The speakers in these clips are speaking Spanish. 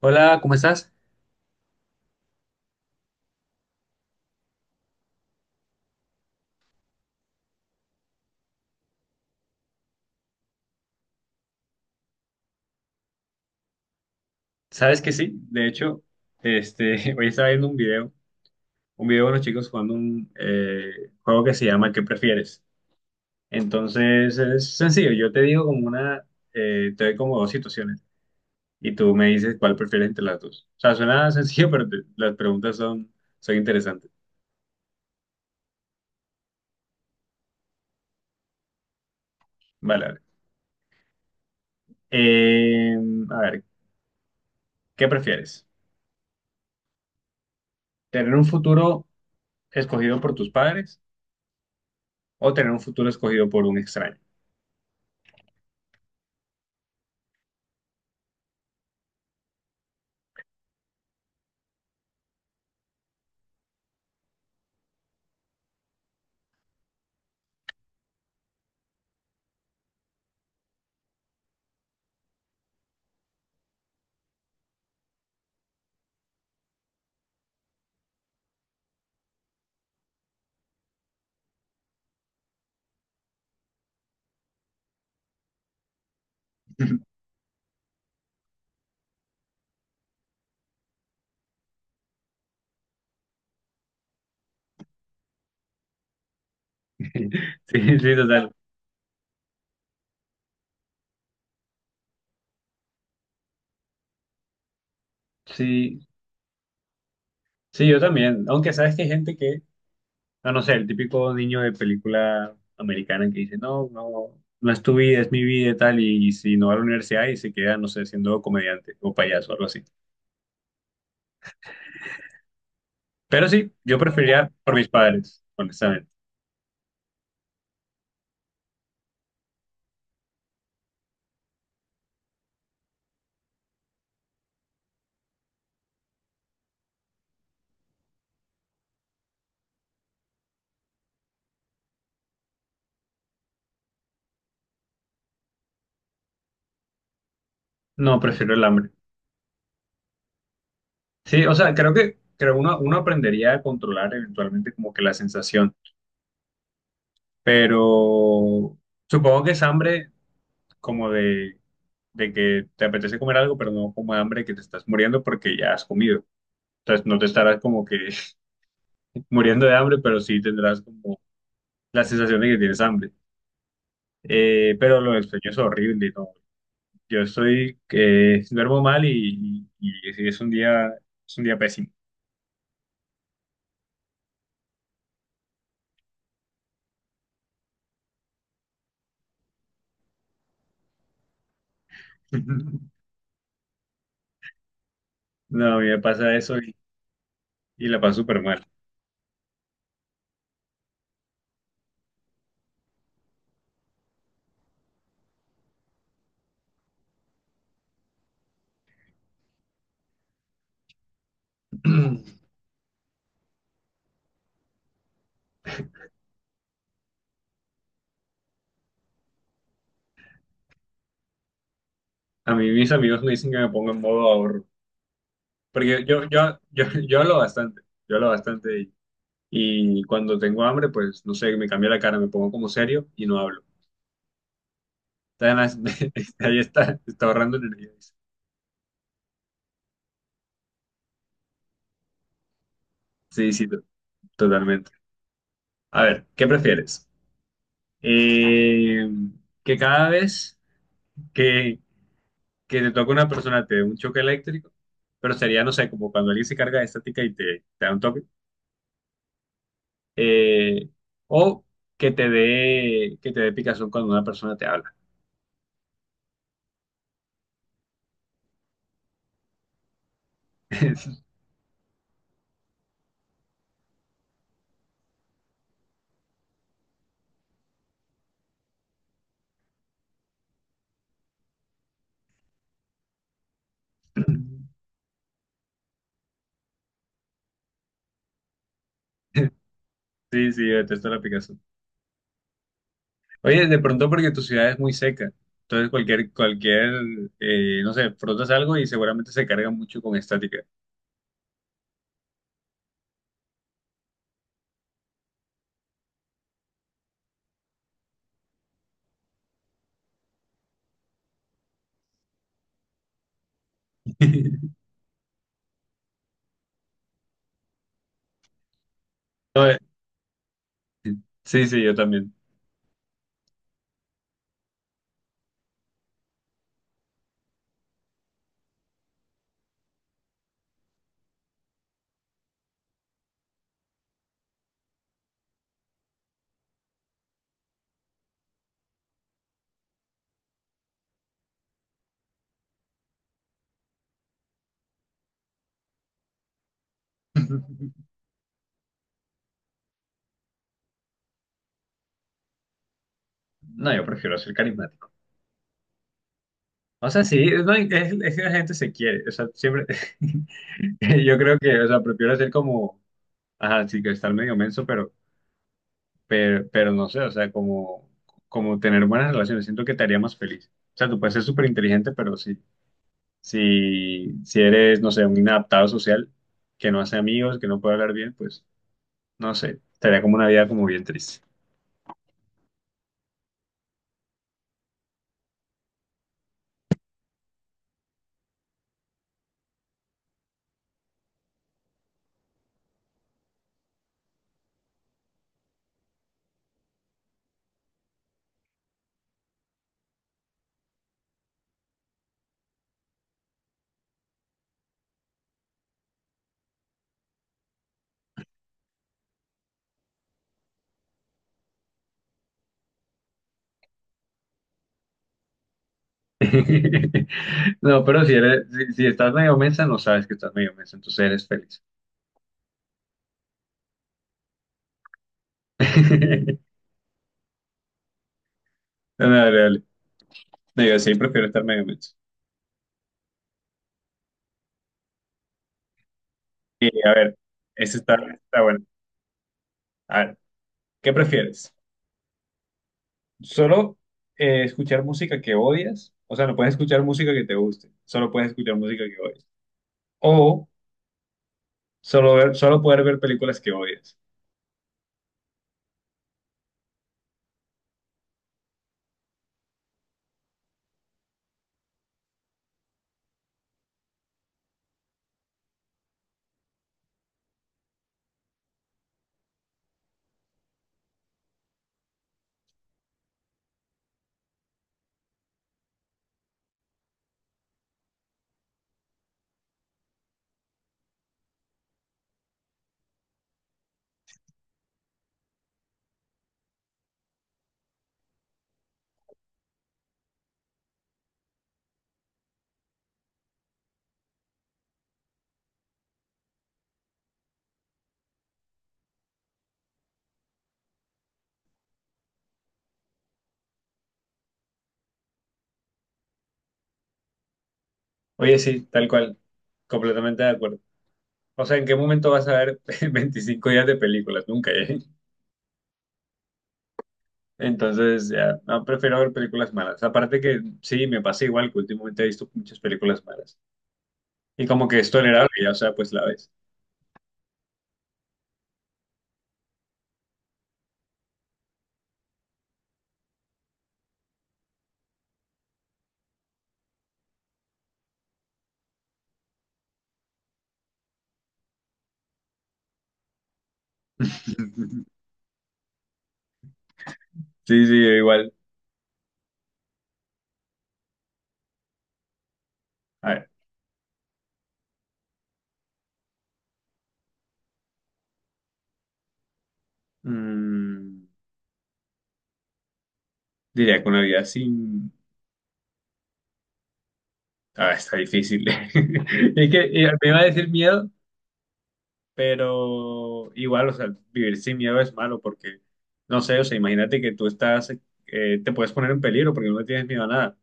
Hola, ¿cómo estás? ¿Sabes que sí? De hecho, hoy estaba viendo un video de unos chicos jugando un juego que se llama ¿Qué prefieres? Entonces es sencillo, yo te digo como te doy como dos situaciones y tú me dices cuál prefieres entre las dos. O sea, suena sencillo, pero las preguntas son, son interesantes. Vale, vale. Eh, a ver, ¿qué prefieres? ¿Tener un futuro escogido por tus padres o tener un futuro escogido por un extraño? Sí, sí, total. Sí, sí, yo también. Aunque sabes que hay gente que, no, no sé, el típico niño de película americana que dice, no, no, no es tu vida, es mi vida y tal, y si no va a la universidad y se queda, no sé, siendo comediante o payaso o algo así. Pero sí, yo preferiría por mis padres, honestamente. No, prefiero el hambre. Sí, o sea, creo que creo uno aprendería a controlar eventualmente como que la sensación, pero supongo que es hambre como de que te apetece comer algo, pero no como hambre que te estás muriendo porque ya has comido. Entonces no te estarás como que muriendo de hambre, pero sí tendrás como la sensación de que tienes hambre. Pero lo del sueño es horrible, ¿no? Yo estoy, que duermo mal y es un día pésimo. No, a mí me pasa eso y la paso súper mal. A mí mis amigos me dicen que me pongo en modo ahorro, porque yo hablo bastante, yo hablo bastante y, y cuando tengo hambre, pues no sé, me cambia la cara, me pongo como serio y no hablo. Entonces, ahí está, está ahorrando energía. Sí, sí, totalmente. A ver, ¿qué prefieres? Eh, que cada vez que, que te toca una persona te dé un choque eléctrico, pero sería, no sé, como cuando alguien se carga de estática y te da un toque, eh, o que te dé picazón cuando una persona te habla. Sí, sí, yo detesto la picazón. Oye, de pronto porque tu ciudad es muy seca, entonces no sé, frotas algo y seguramente se carga mucho con estática. Sí, sí, yo también. No, yo prefiero ser carismático. O sea, sí, no, es que la gente se quiere. O sea, siempre. Yo creo que, o sea, prefiero ser como. Ajá, sí, que estar medio menso, pero no sé, o sea, como tener buenas relaciones. Siento que te haría más feliz. O sea, tú puedes ser súper inteligente, pero sí. Si eres, no sé, un inadaptado social, que no hace amigos, que no puede hablar bien, pues, no sé. Estaría como una vida como bien triste. No, pero si eres, si estás medio mensa, no sabes que estás medio mensa, entonces eres feliz. No, no, dale, dale. No, yo sí prefiero estar medio mensa. Y, a ver, ese está, está bueno. A ver, ¿qué prefieres? ¿Solo escuchar música que odias? O sea, no puedes escuchar música que te guste, solo puedes escuchar música que odias. O solo poder ver películas que odias. Oye, sí, tal cual, completamente de acuerdo. O sea, ¿en qué momento vas a ver 25 días de películas? Nunca, ¿eh? Entonces, ya, no, prefiero ver películas malas. Aparte que sí, me pasa igual que últimamente he visto muchas películas malas. Y como que es tolerable, ya, o sea, pues la ves. Sí, sí, yo igual. A ver, mm, diría que una vida sin... Ah, está difícil. Es que me iba a decir miedo, pero igual, o sea, vivir sin miedo es malo porque, no sé, o sea, imagínate que tú estás, te puedes poner en peligro porque no le tienes miedo a nada.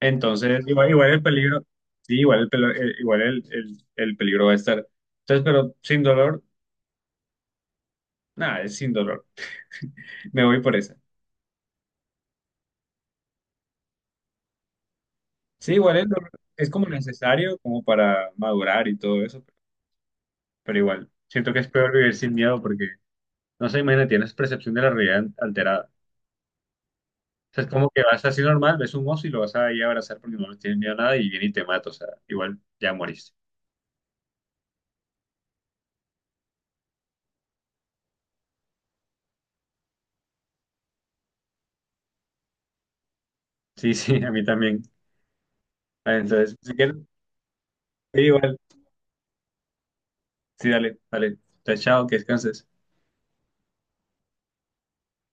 Entonces, igual, igual el peligro, sí, igual el, pelo- el- igual el peligro va a estar. Entonces, pero sin dolor, nada, es sin dolor. Me voy por esa. Sí, igual el dolor es como necesario como para madurar y todo eso, pero igual, siento que es peor vivir sin miedo porque, no sé, imagínate, tienes percepción de la realidad alterada. O sea, es como que vas así normal, ves un oso y lo vas a ir a abrazar porque no le tienes miedo a nada y viene y te mata, o sea, igual ya moriste. Sí, sí, a mí también. Ah, entonces, si quieres, sí, igual, sí, dale, dale. Entonces, chao, que descanses.